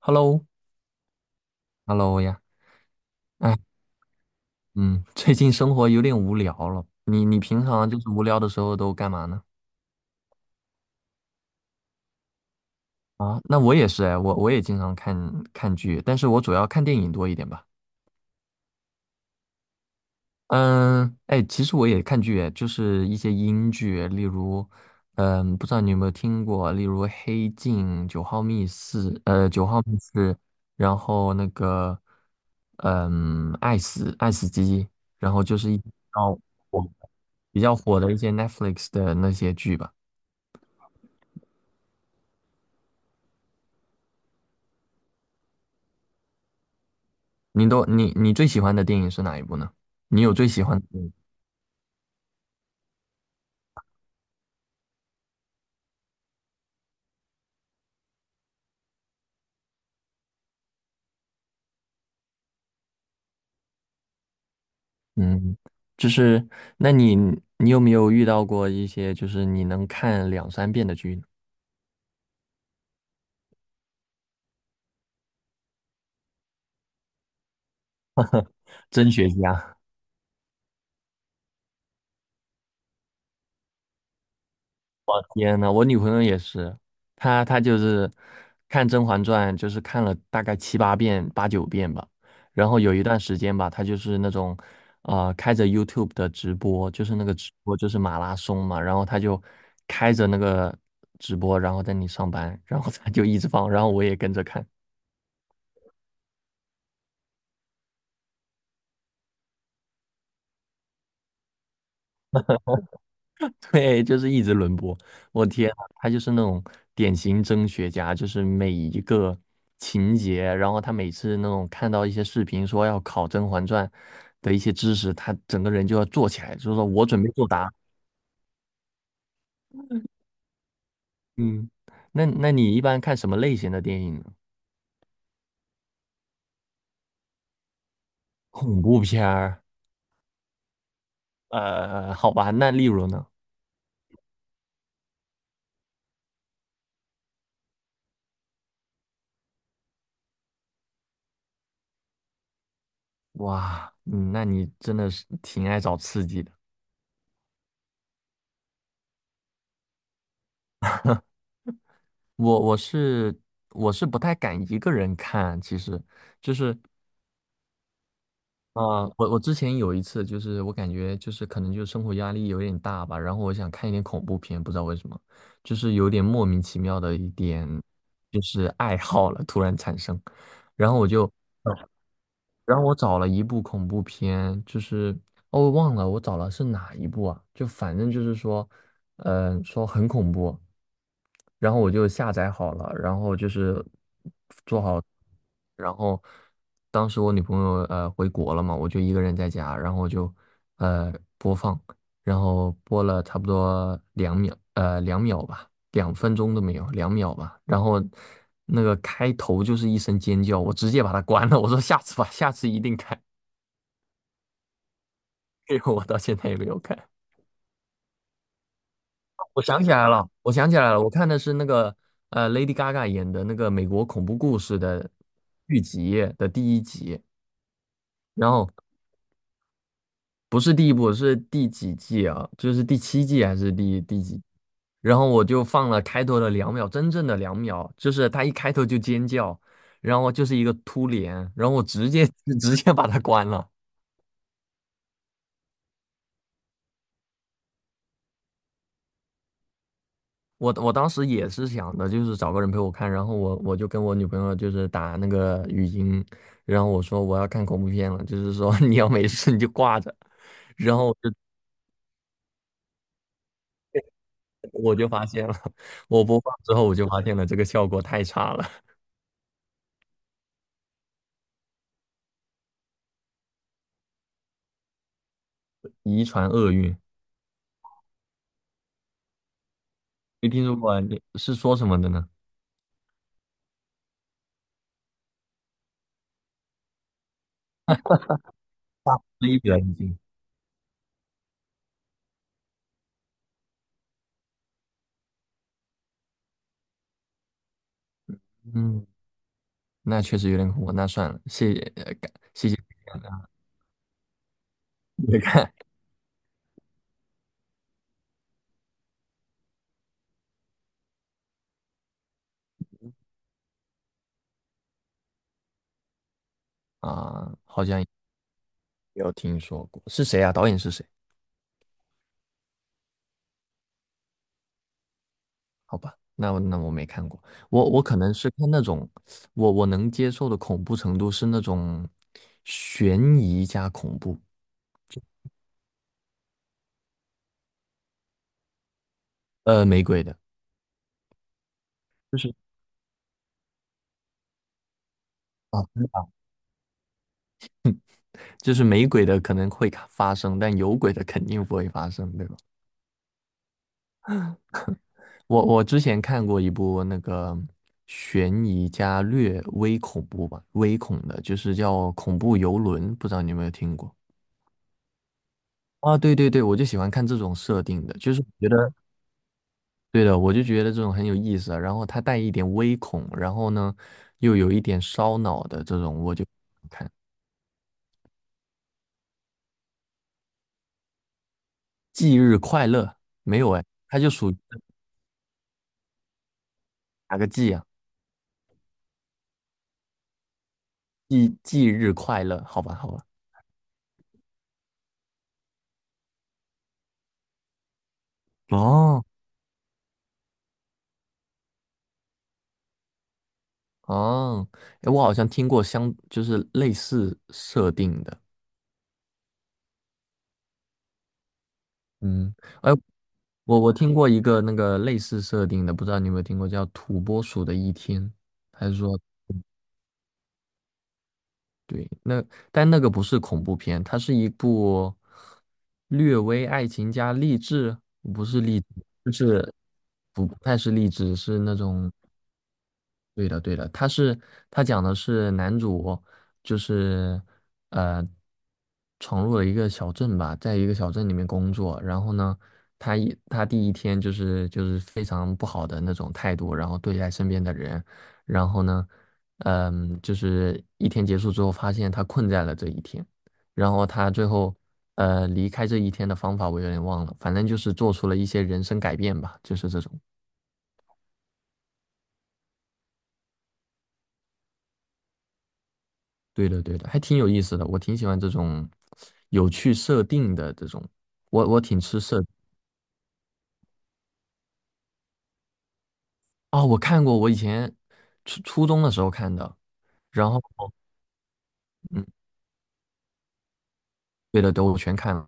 Hello，Hello 呀，哎，嗯，最近生活有点无聊了。你平常就是无聊的时候都干嘛呢？啊，那我也是哎，我也经常看剧，但是我主要看电影多一点吧。嗯，哎，其实我也看剧哎，就是一些英剧，例如，嗯，不知道你有没有听过，例如《黑镜》《九号密室》，然后那个，嗯，《爱死爱死机》，然后就是哦。比较火的一些 Netflix 的那些剧吧。你都你你最喜欢的电影是哪一部呢？你有最喜欢的电影。嗯，就是那你有没有遇到过一些就是你能看两三遍的剧呢？真学家。天呐，我女朋友也是，她就是看《甄嬛传》，就是看了大概七八遍、八九遍吧。然后有一段时间吧，她就是那种，开着 YouTube 的直播，就是那个直播就是马拉松嘛，然后她就开着那个直播，然后在那里上班，然后她就一直放，然后我也跟着看，对，就是一直轮播。我天啊，他就是那种典型真学家，就是每一个情节，然后他每次那种看到一些视频说要考《甄嬛传》的一些知识，他整个人就要坐起来，就说我准备作答。嗯，那你一般看什么类型的电影呢？恐怖片儿。好吧，那例如呢？哇，那你真的是挺爱找刺激的。我我是我是不太敢一个人看，其实。是。啊，我之前有一次，就是我感觉就是可能就是生活压力有点大吧，然后我想看一点恐怖片，不知道为什么，就是有点莫名其妙的一点就是爱好了，突然产生，然后我就，呃然后我找了一部恐怖片，就是哦我忘了我找了是哪一部啊，就反正就是说，呃，说很恐怖，然后我就下载好了，然后就是。然后当时我女朋友回国了嘛，我就一个人在家，然后我就呃播放，然后播了差不多两秒，两秒吧，2分钟都没有，两秒吧。然后那个开头就是一声尖叫，我直接把它关了，我说下次吧，下次一定看。结果我到现在也没有看。我想起来了，我想起来了，我看的是那个Lady Gaga 演的那个美国恐怖故事的剧集的第一集，然后。不是第一部，是第几季啊？就是第七季还是第几？然后我就放了开头的两秒，真正的两秒，就是他一开头就尖叫，然后就是一个突脸，然后我直接 直接把它关了。我当时也是想的，就是找个人陪我看，然后我就跟我女朋友就是打那个语音，然后我说我要看恐怖片了，就是说 你要没事你就挂着，然后我就发现了，我播放之后我就发现了这个效果太差了，遗传厄运。没听说过啊，你是说什么的呢？是一表人精。嗯，那确实有点恐怖，那算了，谢谢，感谢你看 啊，好像也没有听说过，是谁啊？导演是谁？好吧，那我那我没看过，我可能是看那种，我能接受的恐怖程度是那种悬疑加恐怖，没鬼的，就是啊，真的啊就是没鬼的可能会发生，但有鬼的肯定不会发生，对吧？我之前看过一部那个悬疑加略微恐怖吧，微恐的，就是叫《恐怖游轮》，不知道你有没有听过？啊，对对对，我就喜欢看这种设定的，就是我觉得对的，我就觉得这种很有意思啊。然后它带一点微恐，然后呢又有一点烧脑的这种，我就看《忌日快乐》没有哎，它就属于哪个忌啊？忌日快乐，好吧好吧。哦，哦，哎，我好像听过相，就是类似设定的，嗯，哎，我听过一个那个类似设定的，不知道你有没有听过，叫《土拨鼠的一天》，还是说对，那但那个不是恐怖片，它是一部略微爱情加励志，不是励志，就是不太是励志，是那种对的，对的，他讲的是男主，就是呃，闯入了一个小镇吧，在一个小镇里面工作，然后呢，他第一天就是非常不好的那种态度，然后对待身边的人，然后呢，嗯，就是一天结束之后，发现他困在了这一天，然后他最后离开这一天的方法我有点忘了，反正就是做出了一些人生改变吧，就是这种。对的，对的，还挺有意思的，我挺喜欢这种有趣设定的这种，我挺吃设啊，我看过，我以前初中的时候看的，然后嗯，对的，对，我全看了，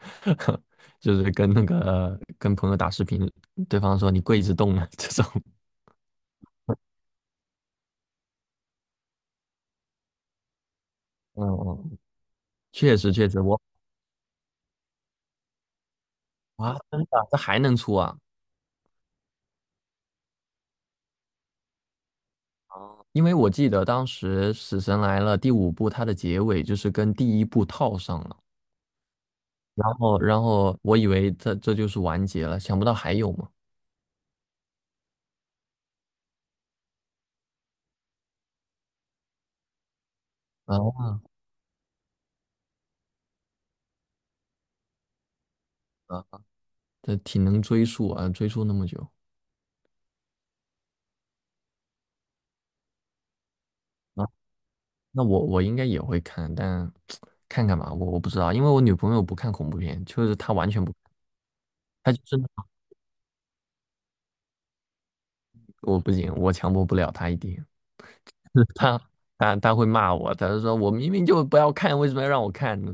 就是跟那个跟朋友打视频，对方说你跪着动了这种。嗯嗯确实确实，我啊，真的啊，这还能出啊？因为我记得当时《死神来了》第五部，它的结尾就是跟第一部套上了，然后我以为这就是完结了，想不到还有嘛。啊，啊这挺能追溯啊，追溯那么久啊。那我应该也会看，但看看吧，我不知道，因为我女朋友不看恐怖片，就是她完全不，她就是那种我不行，我强迫不了她一点，她她会骂我，她就说我明明就不要看，为什么要让我看呢？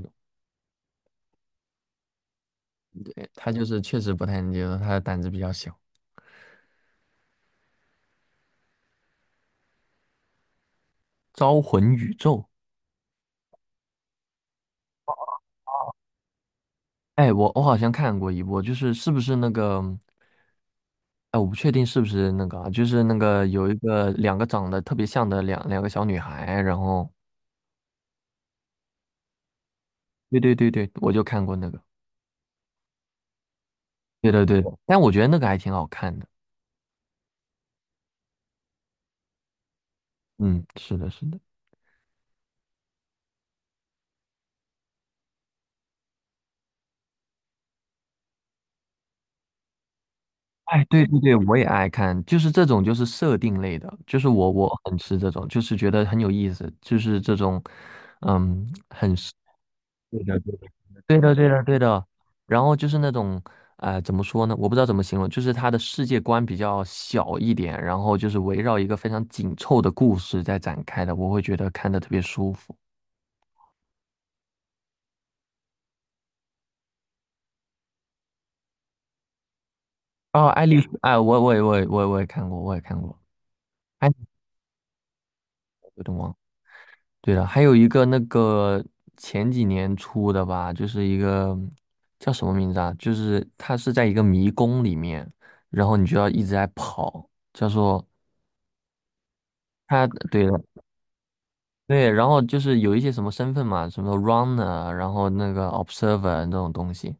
他就是确实不太能接受，他的胆子比较小。招魂宇宙，哎，我好像看过一部，就是是不是那个，哎，我不确定是不是那个啊，就是那个有一个两个长得特别像的两个小女孩，然后对对对对，我就看过那个，对对对，但我觉得那个还挺好看的，嗯，是的，是的。哎，对对对，我也爱看，就是这种就是设定类的，就是我很吃这种，就是觉得很有意思，就是这种，嗯，对的对的对。然后就是那种，呃，怎么说呢？我不知道怎么形容，就是他的世界观比较小一点，然后就是围绕一个非常紧凑的故事在展开的，我会觉得看的特别舒服。哦，爱丽丝，哎，我也看过，我也看过，哎，有点忘了对了，还有一个那个前几年出的吧，就是一个叫什么名字啊？就是它是在一个迷宫里面，然后你就要一直在跑，叫做它，对了，对，然后就是有一些什么身份嘛，什么 runner，啊然后那个 observer 这种东西，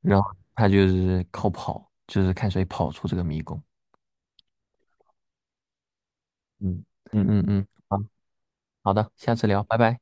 然后他就是靠跑，就是看谁跑出这个迷宫。嗯嗯嗯嗯，好好的，下次聊，拜拜。